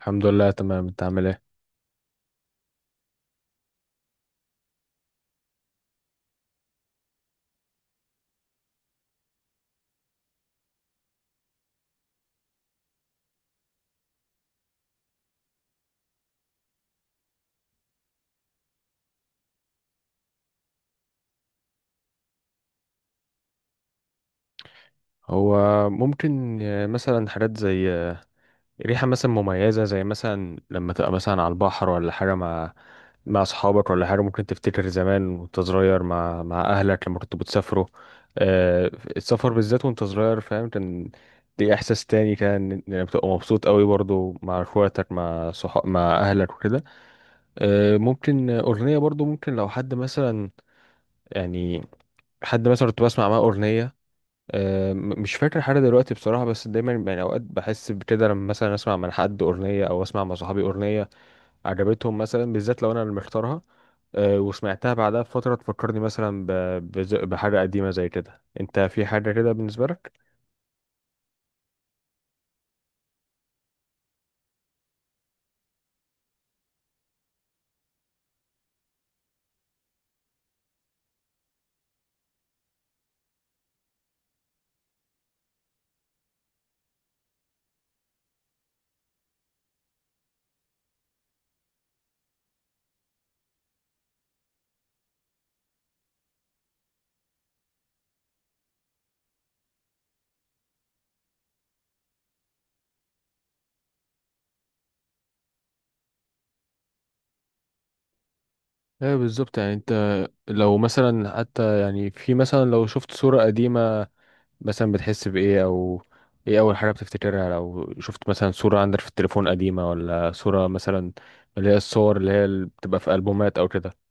الحمد لله تمام. انت عامل ايه؟ هو ممكن مثلا حاجات زي ريحة مثلا مميزة، زي مثلا لما تبقى مثلا على البحر ولا حاجة مع اصحابك، ولا حاجة ممكن تفتكر زمان وانت صغير مع اهلك لما كنتوا بتسافروا. آه، السفر بالذات وانت صغير، فاهم، كان دي احساس تاني. كان انك بتبقى مبسوط قوي برضو مع اخواتك، مع صحاب، مع اهلك وكده. ممكن اغنية برضو، ممكن لو حد مثلا يعني حد مثلا كنت بسمع معاه اغنية. مش فاكر حاجة دلوقتي بصراحة، بس دايما يعني أوقات بحس بكده لما مثلا أسمع من حد أغنية أو أسمع مع صحابي أغنية عجبتهم، مثلا بالذات لو أنا اللي مختارها. وسمعتها بعدها بفترة تفكرني مثلا بحاجة قديمة زي كده. أنت في حاجة كده بالنسبة لك؟ ايه بالظبط. يعني انت لو مثلا حتى، يعني في مثلا، لو شفت صورة قديمة مثلا بتحس بإيه؟ أو إيه أول حاجة بتفتكرها لو شفت مثلا صورة عندك في التليفون قديمة، ولا صورة مثلا اللي هي الصور اللي هي اللي بتبقى في ألبومات أو كده؟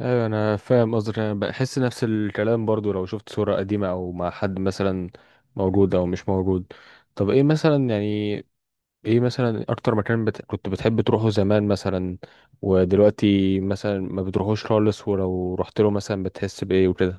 أيوة، أنا فاهم قصدك. أنا بحس نفس الكلام برضو لو شفت صورة قديمة أو مع حد مثلا موجود أو مش موجود. طب إيه مثلا يعني إيه مثلا أكتر مكان كنت بتحب تروحه زمان مثلا ودلوقتي مثلا ما بتروحوش خالص؟ ولو رحت له مثلا بتحس بإيه وكده؟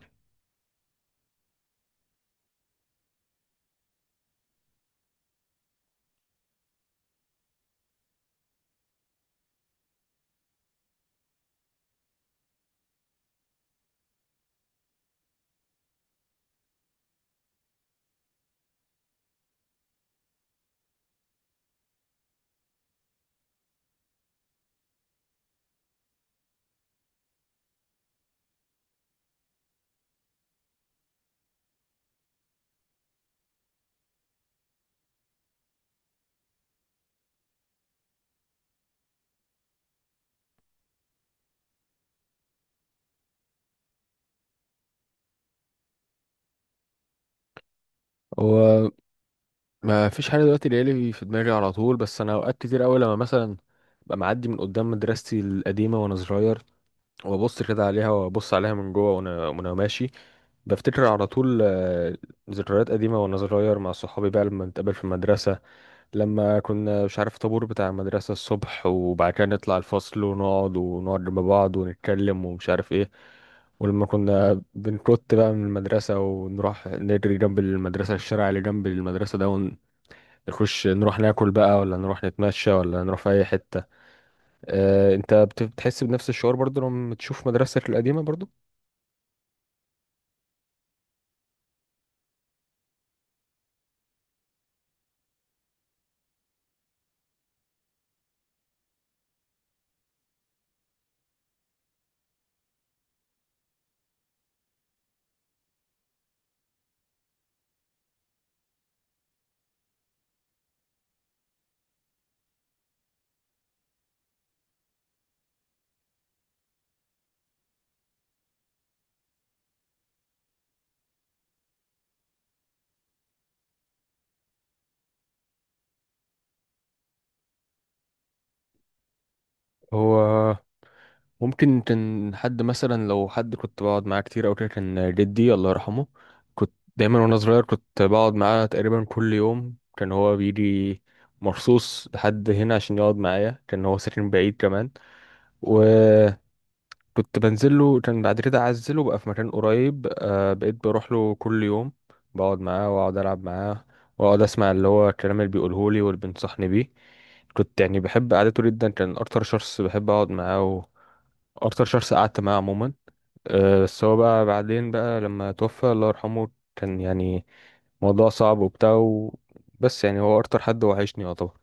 ما فيش حاجه دلوقتي ليالي في دماغي على طول، بس انا اوقات كتير قوي لما مثلا ببقى معدي من قدام مدرستي القديمه وانا صغير، وابص كده عليها وابص عليها من جوه، وانا ماشي، بفتكر على طول. ذكريات قديمه وانا صغير مع صحابي بقى لما نتقابل في المدرسه، لما كنا مش عارف طابور بتاع المدرسه الصبح، وبعد كده نطلع الفصل ونقعد مع بعض ونتكلم ومش عارف ايه. ولما كنا بنكت بقى من المدرسة ونروح نجري جنب المدرسة، الشارع اللي جنب المدرسة ده، نخش نروح ناكل بقى، ولا نروح نتمشى، ولا نروح في اي حتة. انت بتحس بنفس الشعور برضو لما تشوف مدرستك القديمة برضو؟ هو ممكن كان حد مثلا، لو حد كنت بقعد معاه كتير او كده، كان جدي الله يرحمه. كنت دايما وانا صغير كنت بقعد معاه تقريبا كل يوم. كان هو بيجي مرصوص لحد هنا عشان يقعد معايا، كان هو ساكن بعيد كمان. و كنت بنزل له. كان بعد كده عزله بقى في مكان قريب، بقيت بروح له كل يوم، بقعد معاه واقعد العب معاه، واقعد اسمع اللي هو الكلام اللي بيقوله لي واللي بينصحني بيه. كنت يعني بحب قعدته جدا. كان اكتر شخص بحب اقعد معاه واكتر شخص قعدت معاه عموما. بس هو بقى بعدين بقى لما توفى الله يرحمه كان يعني موضوع صعب وبتاع بس يعني هو اكتر حد وحشني يعتبر.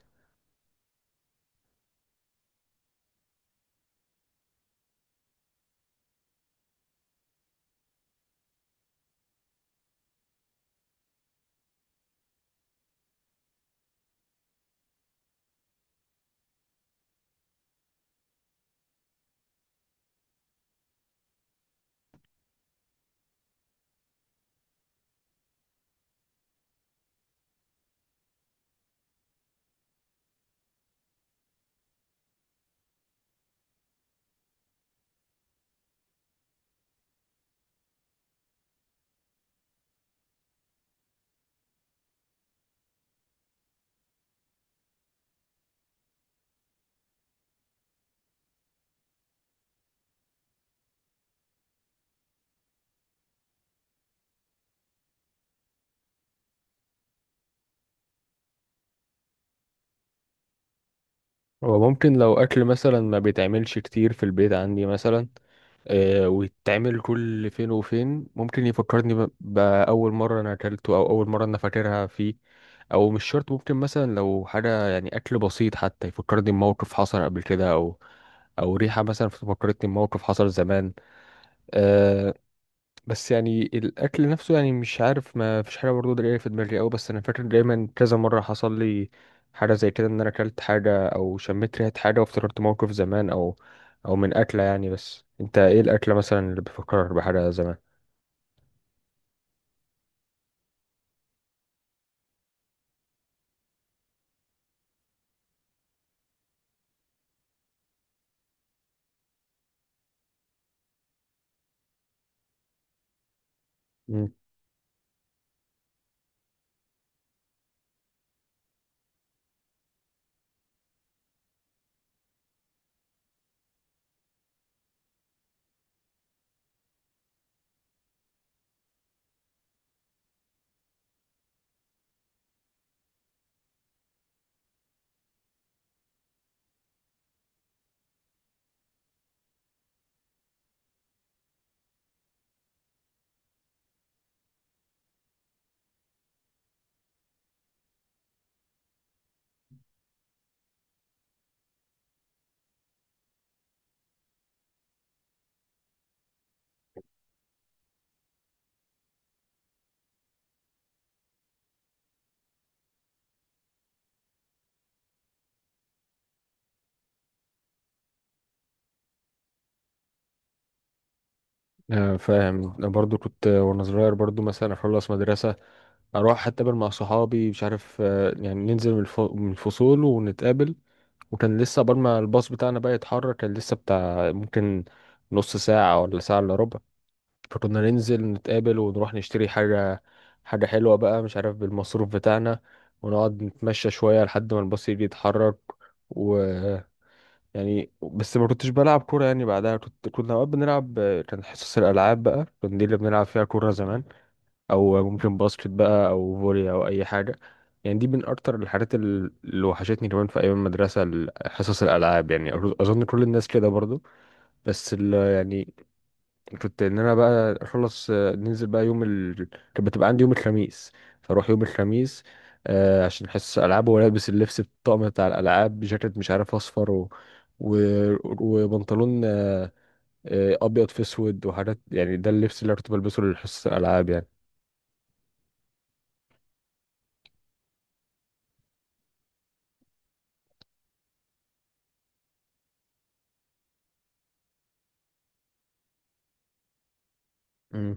هو ممكن لو اكل مثلا ما بيتعملش كتير في البيت عندي مثلا، ويتعمل كل فين وفين، ممكن يفكرني بأول مرة أنا أكلته أو أول مرة أنا فاكرها فيه. أو مش شرط، ممكن مثلا لو حاجة يعني أكل بسيط حتى يفكرني بموقف حصل قبل كده. أو ريحة مثلا فكرتني بموقف حصل زمان. آه، بس يعني الاكل نفسه يعني مش عارف، ما فيش حاجه برضه جايه في دماغي قوي. بس انا فاكر دايما كذا مره حصل لي حاجه زي كده، ان انا اكلت حاجه او شميت ريحه حاجه وافتكرت موقف زمان، او من اكله يعني. بس انت ايه الاكله مثلا اللي بتفكر بحاجه زمان؟ مم. فاهم. أنا برضو كنت وانا صغير برضو مثلا اخلص مدرسه، اروح اتقابل مع صحابي، مش عارف، يعني ننزل من الفصول ونتقابل. وكان لسه قبل ما الباص بتاعنا بقى يتحرك كان لسه بتاع ممكن نص ساعه ولا ساعه الا ربع. فكنا ننزل نتقابل ونروح نشتري حاجة، حاجة حلوة بقى مش عارف بالمصروف بتاعنا، ونقعد نتمشى شوية لحد ما الباص يجي يتحرك. و يعني بس ما كنتش بلعب كورة يعني بعدها، كنا أوقات بنلعب. كان حصص الألعاب بقى كان دي اللي بنلعب فيها كورة زمان، أو ممكن باسكت بقى أو فولي أو أي حاجة. يعني دي من أكتر الحاجات اللي وحشتني كمان في أيام المدرسة، حصص الألعاب، يعني أظن كل الناس كده برضو. بس يعني كنت ان انا بقى اخلص، ننزل بقى يوم كانت بتبقى عندي يوم الخميس. فاروح يوم الخميس عشان حصص العاب، والبس اللبس الطقم بتاع الالعاب، بجاكيت مش عارف اصفر و... وبنطلون ابيض في اسود، وحاجات يعني ده اللبس اللي أنا كنت بلبسه لحصص الالعاب يعني. مم.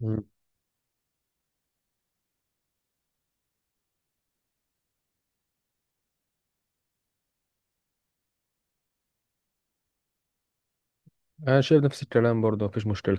مم. انا شايف نفس الكلام برضه مفيش مشكله.